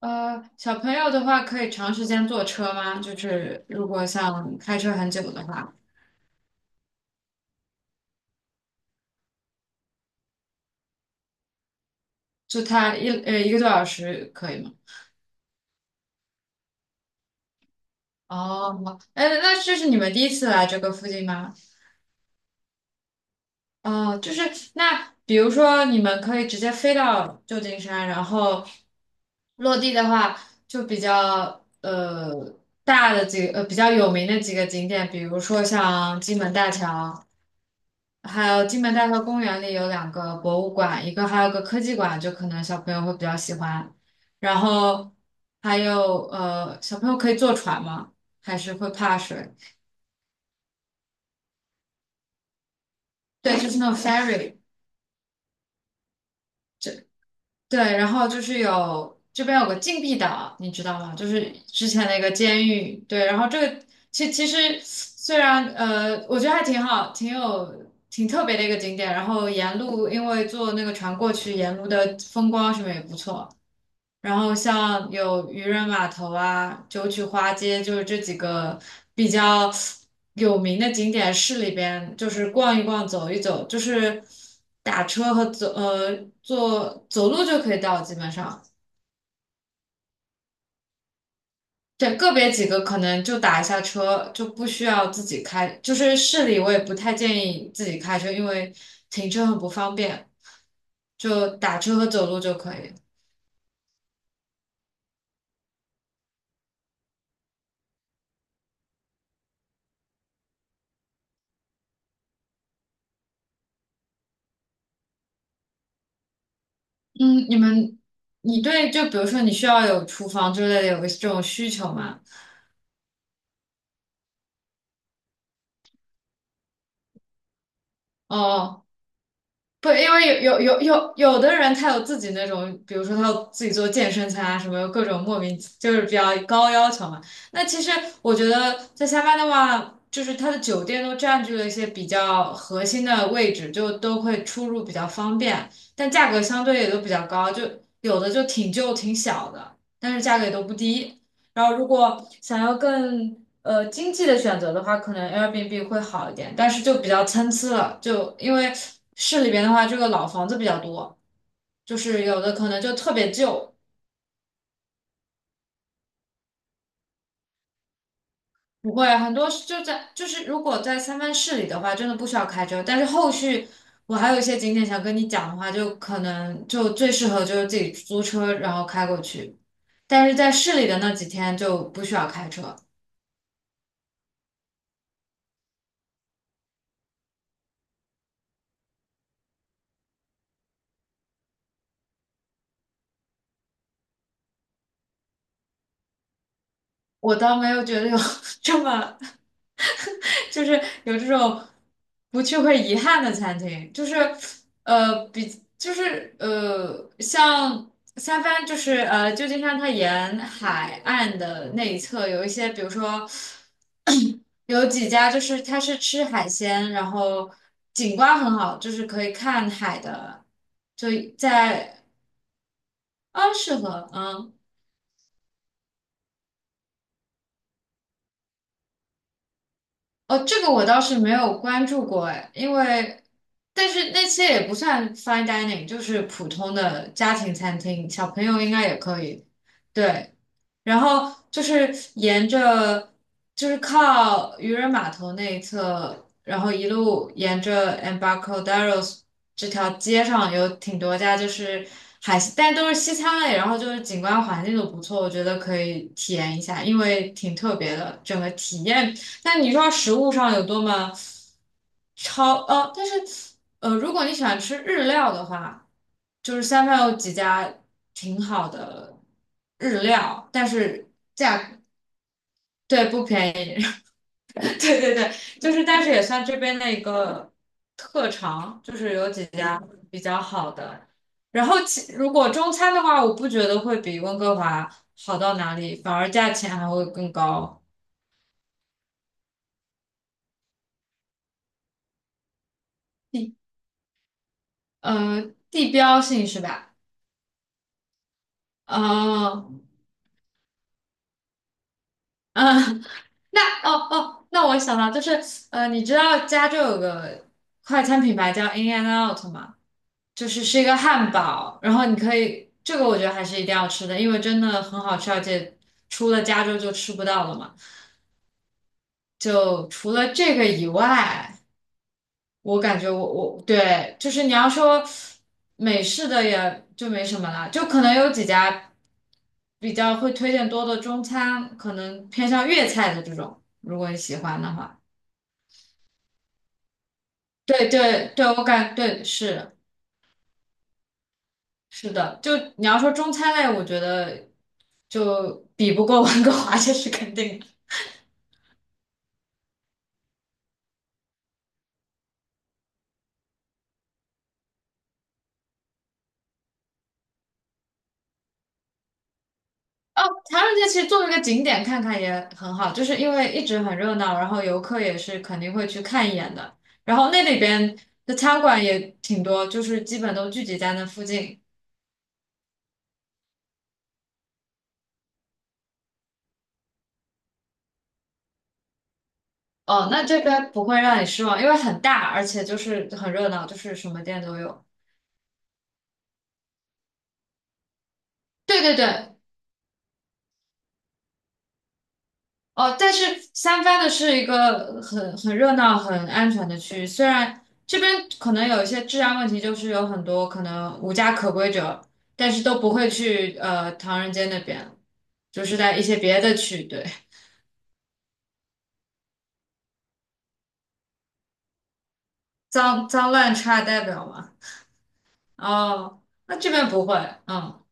小朋友的话可以长时间坐车吗？就是如果像开车很久的话，就他一个多小时可以吗？哦，哎，那这是你们第一次来这个附近吗？哦，就是那比如说你们可以直接飞到旧金山，然后落地的话就比较大的比较有名的几个景点，比如说像金门大桥。还有金门大桥公园里有两个博物馆，一个还有个科技馆，就可能小朋友会比较喜欢。然后还有，小朋友可以坐船吗？还是会怕水？对，就是那种 ferry。这对，然后就是有这边有个禁闭岛，你知道吗？就是之前那个监狱。对，然后这个其实虽然，我觉得还挺好，挺特别的一个景点。然后沿路因为坐那个船过去，沿路的风光什么也不错。然后像有渔人码头啊、九曲花街，就是这几个比较有名的景点，市里边就是逛一逛、走一走，就是打车和走呃坐走路就可以到，基本上。对，个别几个可能就打一下车，就不需要自己开。就是市里我也不太建议自己开车，因为停车很不方便，就打车和走路就可以。嗯，你们，你对，就比如说你需要有厨房之类的，有个这种需求吗？哦，不，因为有的人他有自己那种，比如说他有自己做健身餐啊，什么各种莫名就是比较高要求嘛。那其实我觉得在塞班的话，就是它的酒店都占据了一些比较核心的位置，就都会出入比较方便，但价格相对也都比较高，就有的就挺旧挺小的，但是价格也都不低。然后如果想要更经济的选择的话，可能 Airbnb 会好一点，但是就比较参差了，就因为市里边的话，这个老房子比较多，就是有的可能就特别旧，不会很多是就在就是如果在三藩市里的话，真的不需要开车，但是后续。我还有一些景点想跟你讲的话，就可能就最适合就是自己租车然后开过去，但是在市里的那几天就不需要开车。我倒没有觉得有 这么就是有这种不去会遗憾的餐厅，就是呃比就是像三藩就是旧金山它沿海岸的那一侧有一些，比如说有几家就是它是吃海鲜，然后景观很好，就是可以看海的，就在啊适合嗯。哦，这个我倒是没有关注过哎，因为但是那些也不算 fine dining，就是普通的家庭餐厅，小朋友应该也可以。对，然后就是沿着就是靠渔人码头那一侧，然后一路沿着 e m b a r k o d e r o s 这条街上有挺多家就是海西，但都是西餐类，然后就是景观环境都不错，我觉得可以体验一下，因为挺特别的，整个体验。但你说食物上有多么超，但是如果你喜欢吃日料的话，就是三藩有几家挺好的日料，但是价格对不便宜，对对对，就是但是也算这边的一个特长，就是有几家比较好的。然后其如果中餐的话，我不觉得会比温哥华好到哪里，反而价钱还会更高，地呃地标性是吧？哦，嗯，那哦哦，那我想到就是，你知道加州有个快餐品牌叫 In and Out 吗？就是是一个汉堡，然后你可以，这个我觉得还是一定要吃的，因为真的很好吃，而且除了加州就吃不到了嘛。就除了这个以外，我感觉我对，就是你要说美式的也就没什么了，就可能有几家。比较会推荐多的中餐，可能偏向粤菜的这种，如果你喜欢的话。对对对，我感对是是的，就你要说中餐类，我觉得就比不过温哥华，这是肯定的。唐人街其实作为一个景点看看也很好，就是因为一直很热闹，然后游客也是肯定会去看一眼的。然后那里边的餐馆也挺多，就是基本都聚集在那附近。哦，那这边不会让你失望，因为很大，而且就是很热闹，就是什么店都有。对对对，哦，但是三藩的是一个很热闹、很安全的区域，虽然这边可能有一些治安问题，就是有很多可能无家可归者，但是都不会去唐人街那边，就是在一些别的区，对，脏脏乱差代表嘛。哦，那这边不会，嗯。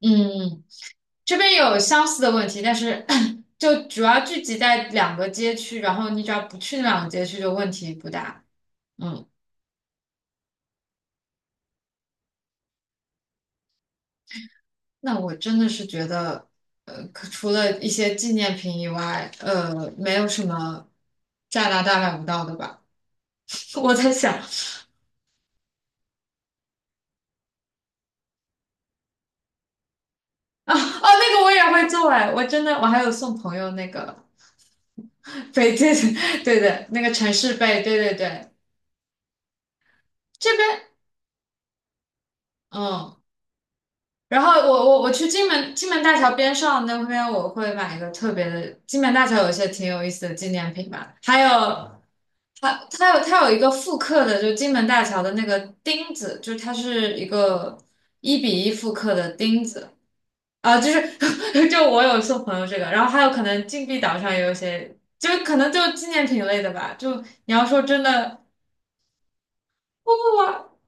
嗯，这边有相似的问题，但是 就主要聚集在两个街区，然后你只要不去那两个街区，就问题不大。嗯，那我真的是觉得，可除了一些纪念品以外，没有什么加拿大买不到的吧？我在想啊，哦，那个我也会做哎，我真的我还有送朋友那个 背对对对对，那个城市背，对对对，这边。嗯，然后我去金门大桥边上那边，我会买一个特别的。金门大桥有一些挺有意思的纪念品吧，还有它有一个复刻的，就金门大桥的那个钉子，就它是一个一比一复刻的钉子啊，就是 就我有送朋友这个，然后还有可能禁闭岛上也有一些，就可能就纪念品类的吧。就你要说真的，不不不，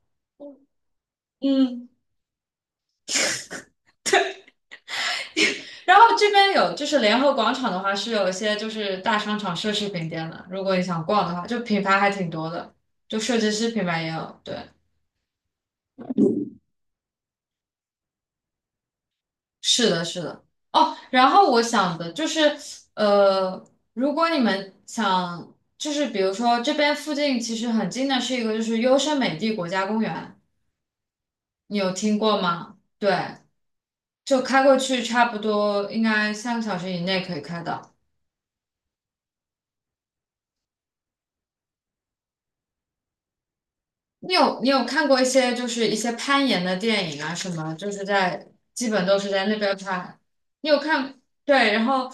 嗯。然后这边有就是联合广场的话是有一些就是大商场奢侈品店的，如果你想逛的话，就品牌还挺多的，就设计师品牌也有。对，是的，是的。哦，然后我想的就是，呃，如果你们想，就是比如说这边附近其实很近的是一个就是优胜美地国家公园，你有听过吗？对，就开过去差不多应该3个小时以内可以开到。你有看过一些就是一些攀岩的电影啊什么，就是在基本都是在那边拍。你有看，对，然后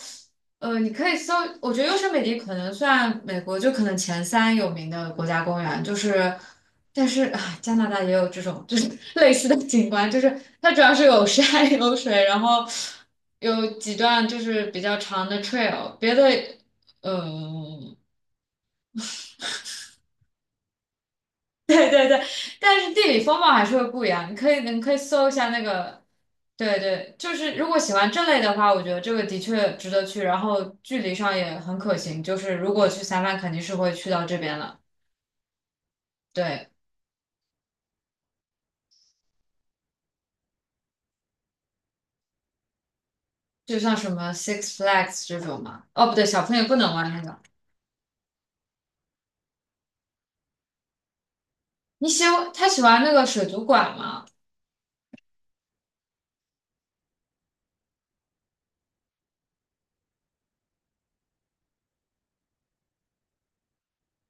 你可以搜，我觉得优胜美地可能算美国就可能前三有名的国家公园，就是但是啊，加拿大也有这种就是 类似的景观，就是它主要是有山 有水，然后有几段就是比较长的 trail，别的嗯。对，但是地理风貌还是会不一样。你可以搜一下那个，对对，就是如果喜欢这类的话，我觉得这个的确值得去，然后距离上也很可行。就是如果去三亚，肯定是会去到这边了。对，就像什么 Six Flags 这种嘛，哦，不对，小朋友不能玩那个。你喜欢他喜欢那个水族馆吗？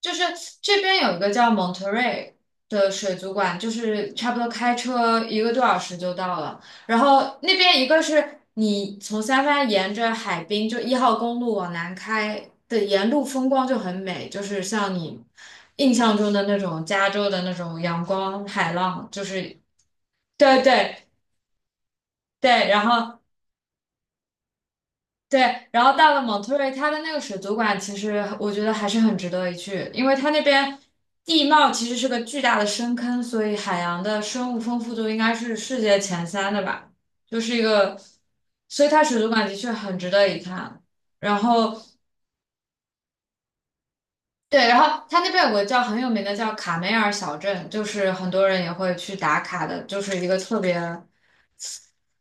就是这边有一个叫蒙特瑞的水族馆，就是差不多开车一个多小时就到了。然后那边一个是你从三藩沿着海滨，就1号公路往南开的沿路风光就很美，就是像你印象中的那种加州的那种阳光海浪，就是对对对。然后对，然后到了蒙特瑞，它的那个水族馆其实我觉得还是很值得一去，因为它那边地貌其实是个巨大的深坑，所以海洋的生物丰富度应该是世界前三的吧，就是一个，所以它水族馆的确很值得一看。然后对，然后它那边有个叫很有名的叫卡梅尔小镇，就是很多人也会去打卡的，就是一个特别。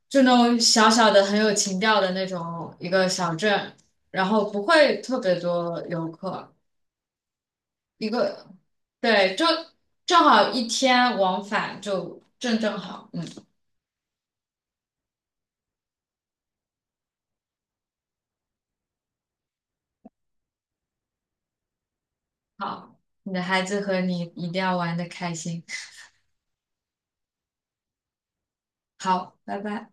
就那种小小的很有情调的那种一个小镇，然后不会特别多游客，一个，对，就正好一天往返就正好，嗯，好，你的孩子和你一定要玩的开心，好，拜拜。